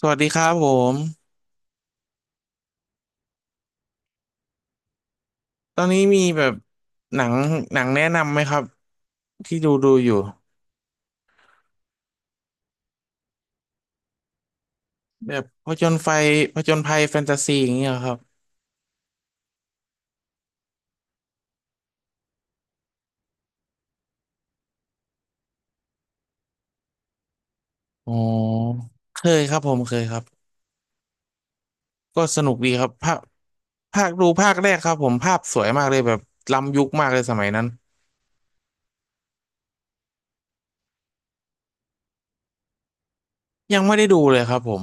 สวัสดีครับผมตอนนี้มีแบบหนังหนังแนะนำไหมครับที่ดูอยู่แบบผจญภัยแฟนตาซีอย่างเงี้ยครับอ๋อเคยครับผมเคยครับก็สนุกดีครับภาคภาคดูภาคแรกครับผมภาพสวยมากเลยแบบล้ำยุคมากเลยสมัยนั้นยังไม่ได้ดูเลยครับผม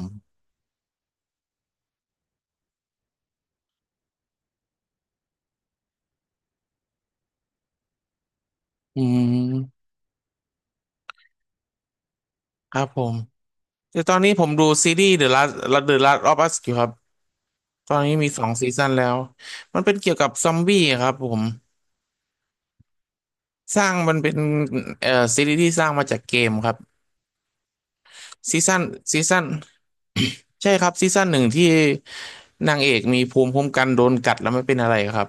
อืมครับผมแต่ตอนนี้ผมดูซีรีส์ The Last of Us อยู่ครับตอนนี้มี2 ซีซั่นแล้วมันเป็นเกี่ยวกับซอมบี้ครับผม สร้างมันเป็นเอ่อซีรีส์ที่สร้างมาจากเกมครับซีซั่นซีซั่น ใช่ครับซีซั่น 1ที่นางเอกมีภูมิคุ้มกันโดนกัดแล้วไม่เป็นอะไรครับ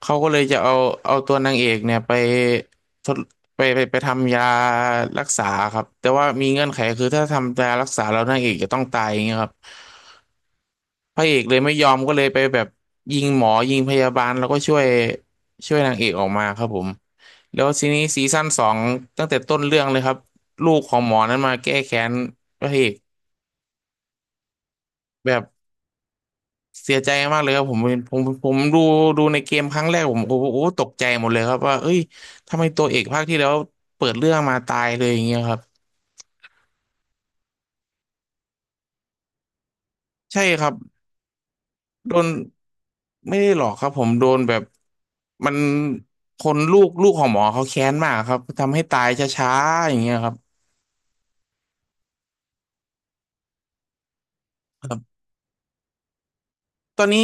เขาก็เลยจะเอาตัวนางเอกเนี่ยไปทดไปไปไปทำยารักษาครับแต่ว่ามีเงื่อนไขคือถ้าทำยารักษาแล้วนางเอกจะต้องตายอย่างเงี้ยครับ พระเอกเลยไม่ยอมก็เลยไปแบบยิงหมอยิงพยาบาลแล้วก็ช่วยนางเอกออกมาครับผมแล้วทีนี้ซีซั่นสองตั้งแต่ต้นเรื่องเลยครับลูกของหมอนั้นมาแก้แค้นพระเอกแบบเสียใจมากเลยครับผมผมดูในเกมครั้งแรกผมโอ้โหตกใจหมดเลยครับว่าเอ้ยทำไมตัวเอกภาคที่แล้วเปิดเรื่องมาตายเลยอย่างเงี้ยครับใช่ครับ โดนไม่ได้หรอกครับผมโดนแบบมันคนลูกของหมอเขาแค้นมากครับทำให้ตายช้าๆอย่างเงี้ยครับตอนนี้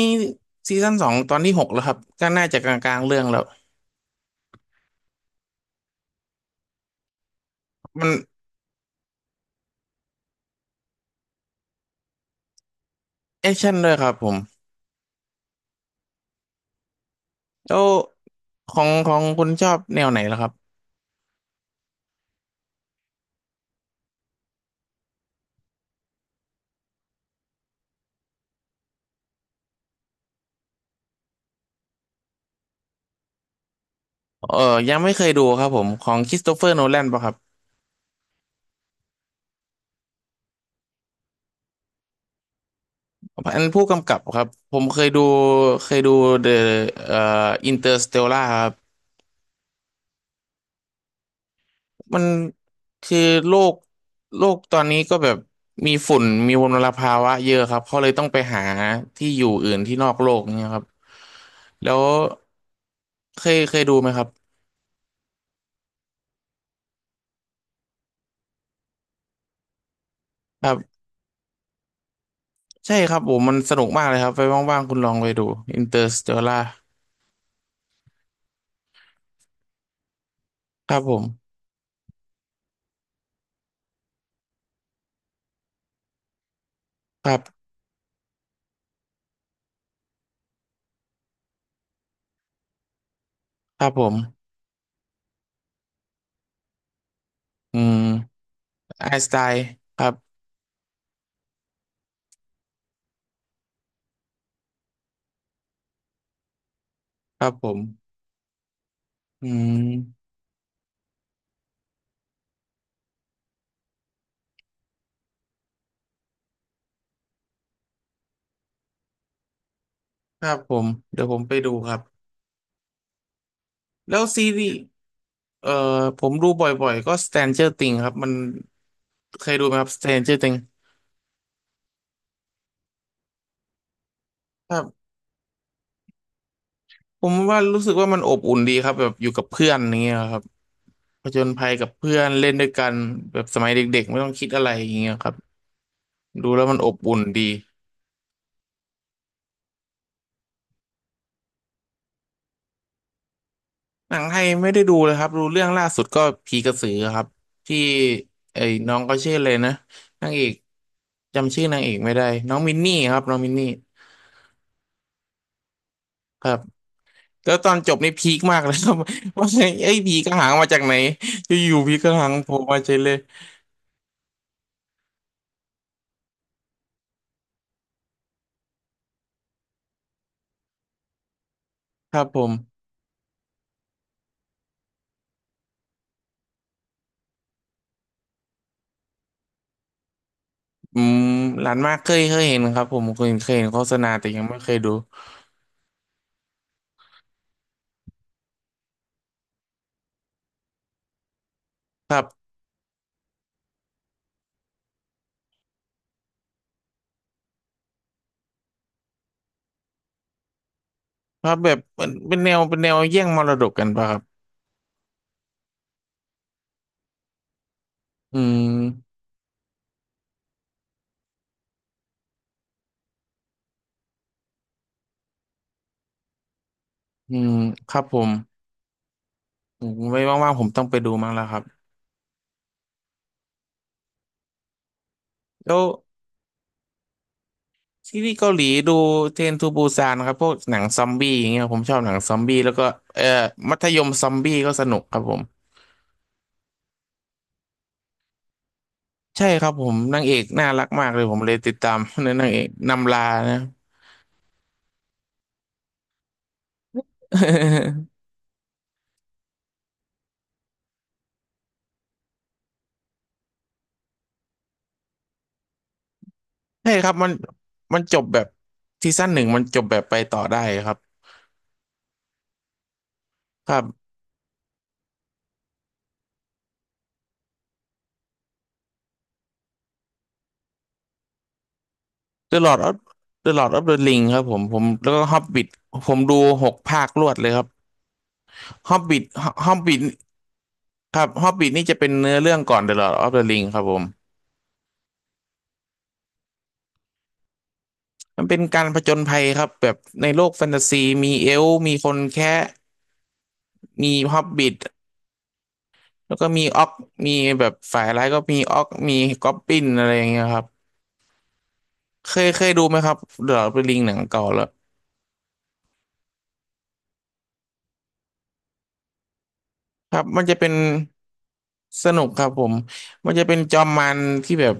ซีซั่น 2 ตอนที่ 6แล้วครับก็น่าจะกลางๆเรื่องแล้วมันแอคชั่นด้วยครับผมแล้วของคุณชอบแนวไหนล่ะครับเออยังไม่เคยดูครับผมของคริสโตเฟอร์โนแลนป่ะครับอันผู้กำกับครับผมเคยดูเดอะเอ่ออินเตอร์สเตลครับ มันคือโลกโลกตอนนี้ก็แบบมีฝุ่นมีมลภาวะเยอะครับเขาเลยต้องไปหาที่อยู่อื่นที่นอกโลกเนี่ยครับแล้วเคยดูไหมครับครับใช่ครับผมมันสนุกมากเลยครับไปว่างๆคุณลองไปดู Interstellar ครับผมครับครับผมอืมไอน์สไตน์ครับครับผมอืมครับผมเดี๋ยวผมไปดูครับแล้วซีรีส์เอ่อผมดูบ่อยๆก็ Stranger Things ครับมันเคยดูไหมครับ Stranger Things ครับผมว่ารู้สึกว่ามันอบอุ่นดีครับแบบอยู่กับเพื่อนอย่างเงี้ยครับผจญภัยกับเพื่อนเล่นด้วยกันแบบสมัยเด็กๆไม่ต้องคิดอะไรอย่างเงี้ยครับดูแล้วมันอบอุ่นดีหนังไทยไม่ได้ดูเลยครับดูเรื่องล่าสุดก็ผีกระสือครับที่ไอ้น้องก็ชื่อเลยนะนางเอกจำชื่อนางเอกไม่ได้น้องมินนี่ครับน้องมินนี่ครับแล้วตอนจบนี่พีคมากเลยครับ ว่าไงอ้ผีกระหังมาจากไหนจะอยู่ๆผีกระหังโผล่มาเฉยเลยครับผม อืมร้านมากเคยเห็นครับผมเคยเห็นโฆษณาแต่ยังไม่เคยดูครับครับแบบเป็นแนวแย่งมรดกกันป่ะครับอืมอืมครับผมไว้ว่างๆผมต้องไปดูมั้งแล้วครับแล้วซีรีส์เกาหลีดูเทรนทูบูซานครับพวกหนังซอมบี้อย่างเงี้ยผมชอบหนังซอมบี้แล้วก็เอ่อมัธยมซอมบี้ก็สนุกครับผมใช่ครับผมนางเอกน่ารักมากเลยผมเลยติดตาม นนางเอกนำลานะ ใช่ครับมันจบแบบซีซั่น 1มันจบแบบไปต่อได้ครับครับ The Lord of The Lord of the Ring ครับผมผมแล้วก็ Hobbit ผมดู6 ภาครวดเลยครับ Hobbit Hobbit ครับ Hobbit นี่จะเป็นเนื้อเรื่องก่อน The Lord of the Ring ครับผมมันเป็นการผจญภัยครับแบบในโลกแฟนตาซีมีเอลฟ์มีคนแค้มีฮอบบิ t แล้วก็มีออกมีแบบฝ่ายร้ายก็มีออกมีก๊อบบินอะไรอย่างเงี้ยครับเคยดูไหมครับ The Lord of the Ring หนังเก่าแล้วครับมันจะเป็น สนุกครับผมมันจะเป็นจอมมันที่แบบ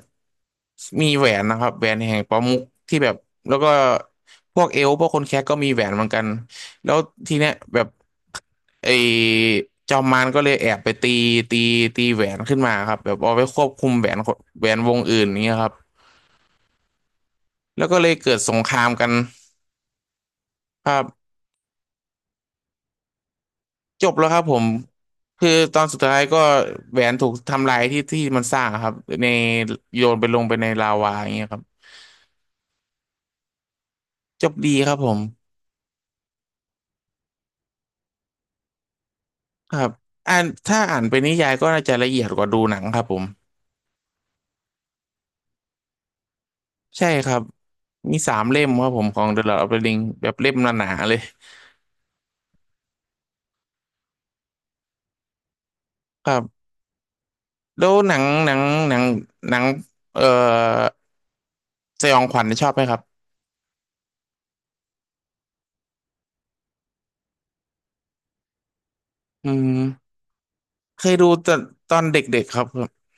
มีแหวนนะครับแหวนแห่งประมุขที่แบบแล้วก็พวกเอลฟ์พวกคนแคระก็มีแหวนเหมือนกันแล้วทีเนี้ยแบบไอ้จอมมันก็เลยแอบไปตีตีแหวนขึ้นมาครับแบบเอาไปควบคุมแหวนคนแหวนวงอื่นอย่างเงี้ยครับแล้วก็เลยเกิดสงครามกันครับจบแล้วครับผมคือตอนสุดท้ายก็แหวนถูกทำลายที่ที่มันสร้างครับในโยนไปลงไปในลาวาอย่างเงี้ยครับจบดีครับผม ครับอ่านถ้าอ่านเป็นนิยายก็น่าจะละเอียดกว่าดูหนังครับผมใช่ครับมี3 เล่มครับผมของ The Lord of the Ring แบบเล่มหนาๆเลยครับแล้วหนังหนังเอ่อสยองขวัญชอบไหมครับอืมเคยดูตอนเด็กๆครับครับ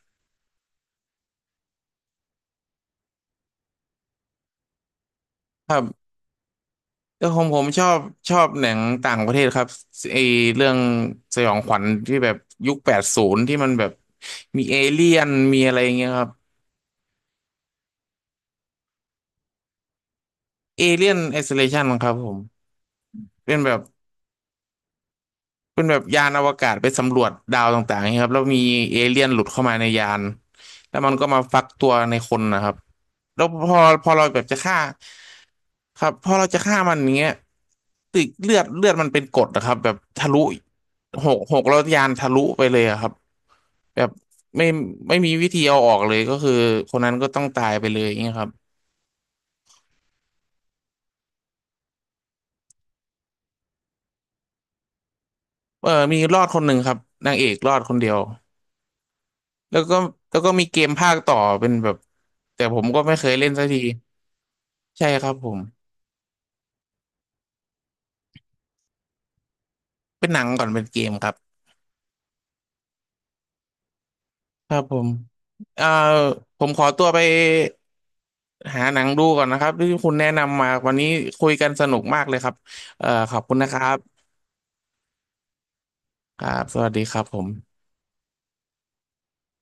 แต่ผมชอบหนังต่างประเทศครับไอเรื่องสยองขวัญที่แบบยุค 80ที่มันแบบมีเอเลี่ยนมีอะไรอย่างเงี้ยครับเอเลี่ยนไอโซเลชันครับผมเป็นแบบ เป็นแบบยานอวกาศไปสำรวจดาวต่างๆครับแล้วมีเอเลี่ยนหลุดเข้ามาในยานแล้วมันก็มาฟักตัวในคนนะครับแล้วพอเราแบบจะฆ่าครับพอเราจะฆ่ามันอย่างเงี้ยตึกเลือดมันเป็นกรดนะครับแบบทะลุหกแล้วยานทะลุไปเลยอะครับแบบไม่ไม่มีวิธีเอาออกเลยก็คือคนนั้นก็ต้องตายไปเลยอย่างเงี้ยครับเออมีรอดคนหนึ่งครับนางเอกรอดคนเดียวแล้วก็แล้วก็มีเกมภาคต่อเป็นแบบแต่ผมก็ไม่เคยเล่นสักที ใช่ครับผมเป็นหนังก่อนเป็นเกมครับครับผมเอ่อผมขอตัวไปหาหนังดูก่อนนะครับที่คุณแนะนำมาวันนี้คุยกันสนุกมากเลยครับขอบคุณนะครับครับสวัสดีครับผม